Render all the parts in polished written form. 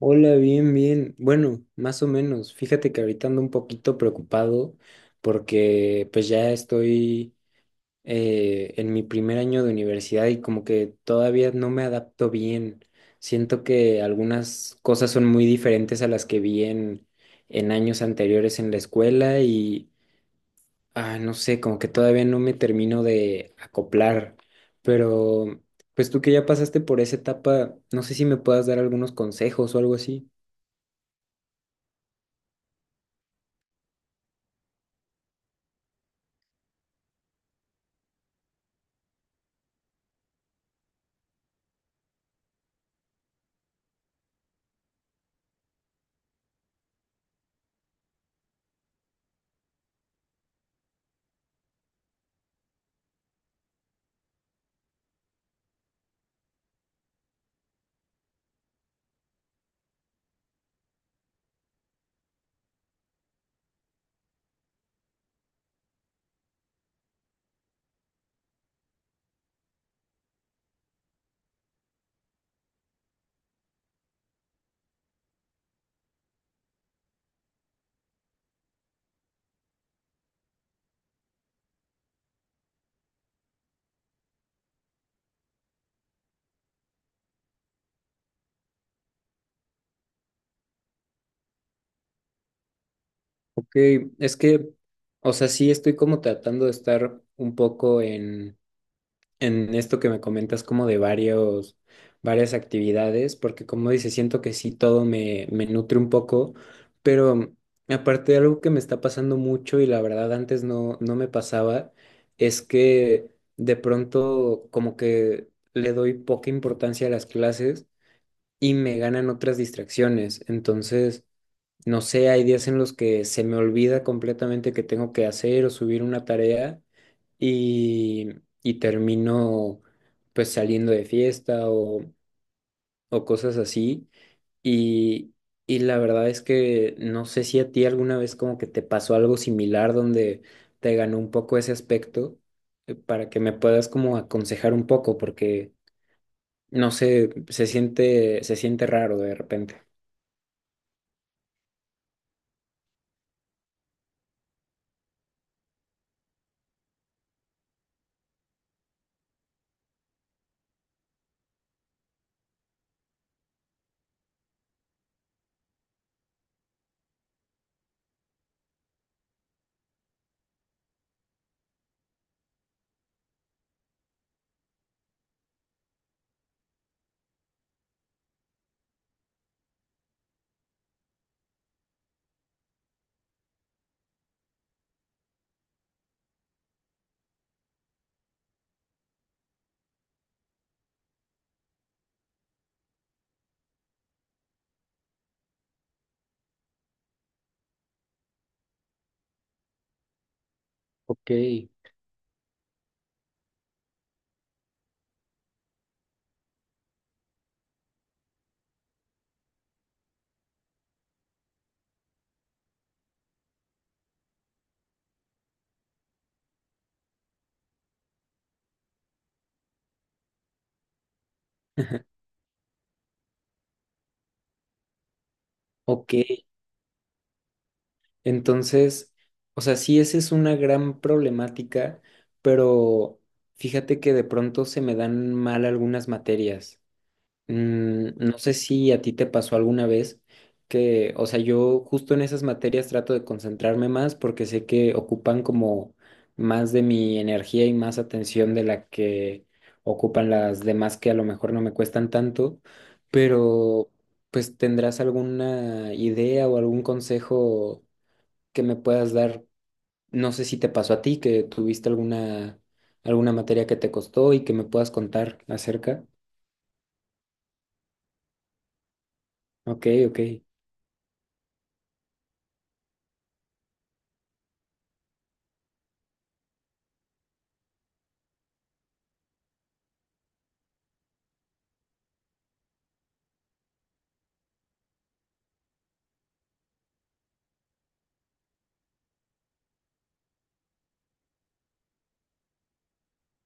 Hola, bien, bien. Bueno, más o menos. Fíjate que ahorita ando un poquito preocupado porque pues ya estoy en mi primer año de universidad y como que todavía no me adapto bien. Siento que algunas cosas son muy diferentes a las que vi en años anteriores en la escuela y, no sé, como que todavía no me termino de acoplar. Pero pues tú que ya pasaste por esa etapa, no sé si me puedas dar algunos consejos o algo así. Ok, es que, o sea, sí estoy como tratando de estar un poco en esto que me comentas como de varias actividades, porque como dices, siento que sí todo me nutre un poco, pero aparte de algo que me está pasando mucho y la verdad antes no me pasaba, es que de pronto como que le doy poca importancia a las clases y me ganan otras distracciones, entonces. No sé, hay días en los que se me olvida completamente que tengo que hacer o subir una tarea y, y termino pues saliendo de fiesta o cosas así. Y, y la verdad es que no sé si a ti alguna vez como que te pasó algo similar donde te ganó un poco ese aspecto para que me puedas como aconsejar un poco porque no sé, se siente raro de repente. Ok. Ok, entonces, o sea, sí, esa es una gran problemática, pero fíjate que de pronto se me dan mal algunas materias. Mm, no sé si a ti te pasó alguna vez que, o sea, yo justo en esas materias trato de concentrarme más porque sé que ocupan como más de mi energía y más atención de la que ocupan las demás que a lo mejor no me cuestan tanto, pero pues ¿tendrás alguna idea o algún consejo que me puedas dar? No sé si te pasó a ti, que tuviste alguna materia que te costó y que me puedas contar acerca. Ok, ok.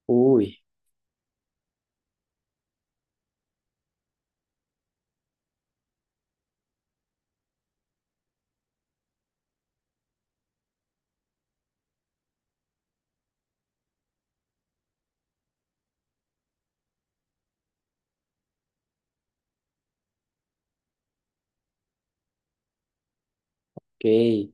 Uy, ok.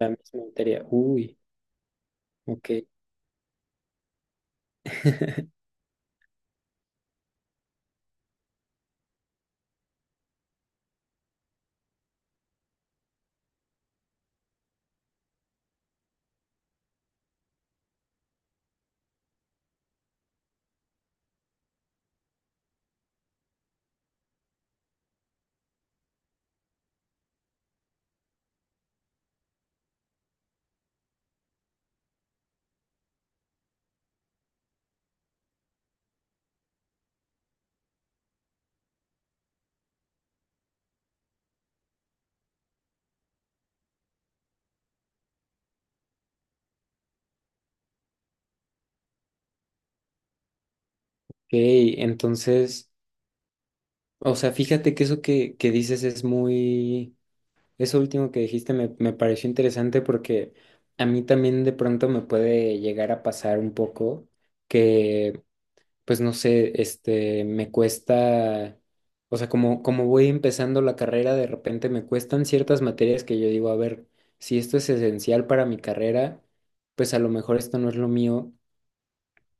La misma materia. Uy, ok. Ok, entonces, o sea, fíjate que eso que dices es eso último que dijiste me pareció interesante porque a mí también de pronto me puede llegar a pasar un poco que pues no sé, este, me cuesta, o sea, como voy empezando la carrera, de repente me cuestan ciertas materias que yo digo, a ver, si esto es esencial para mi carrera, pues a lo mejor esto no es lo mío.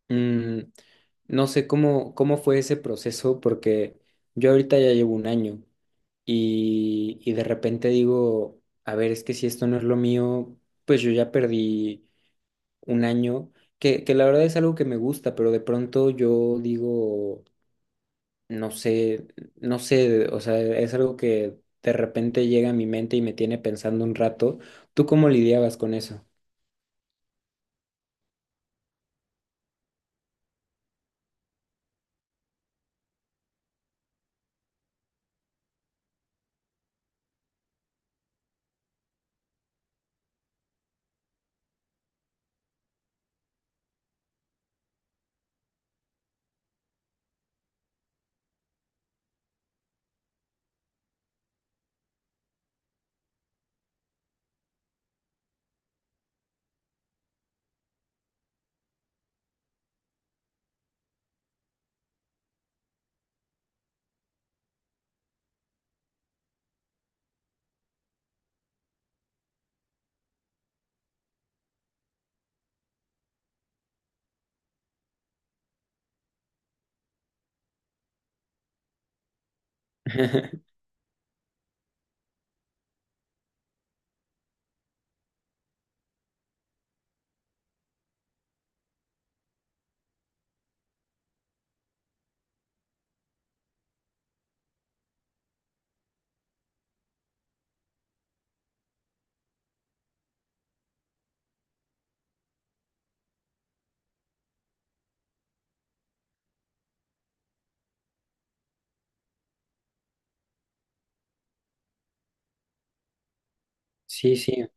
Mm, no sé cómo fue ese proceso, porque yo ahorita ya llevo un año y de repente digo, a ver, es que si esto no es lo mío, pues yo ya perdí un año, que la verdad es algo que me gusta, pero de pronto yo digo no sé, no sé, o sea, es algo que de repente llega a mi mente y me tiene pensando un rato. ¿Tú cómo lidiabas con eso? Sí, sí.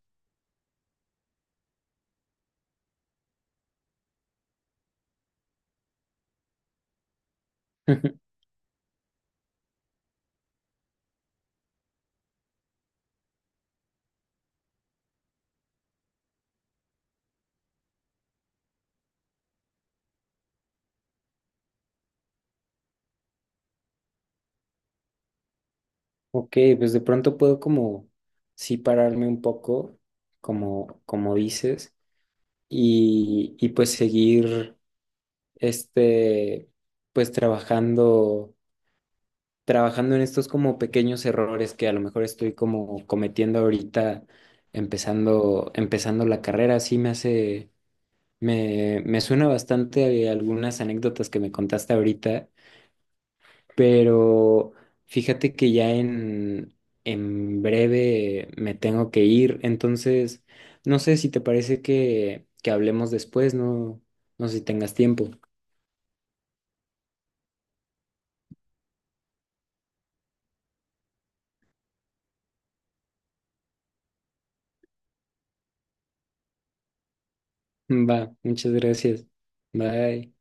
Ok, pues de pronto puedo como sí pararme un poco, como, como dices, y pues seguir este, pues trabajando, trabajando en estos como pequeños errores que a lo mejor estoy como cometiendo ahorita empezando la carrera. Sí me hace. Me suena bastante a algunas anécdotas que me contaste ahorita, pero fíjate que ya en breve me tengo que ir, entonces no sé si te parece que hablemos después, no, no sé si tengas tiempo. Va, muchas gracias. Bye.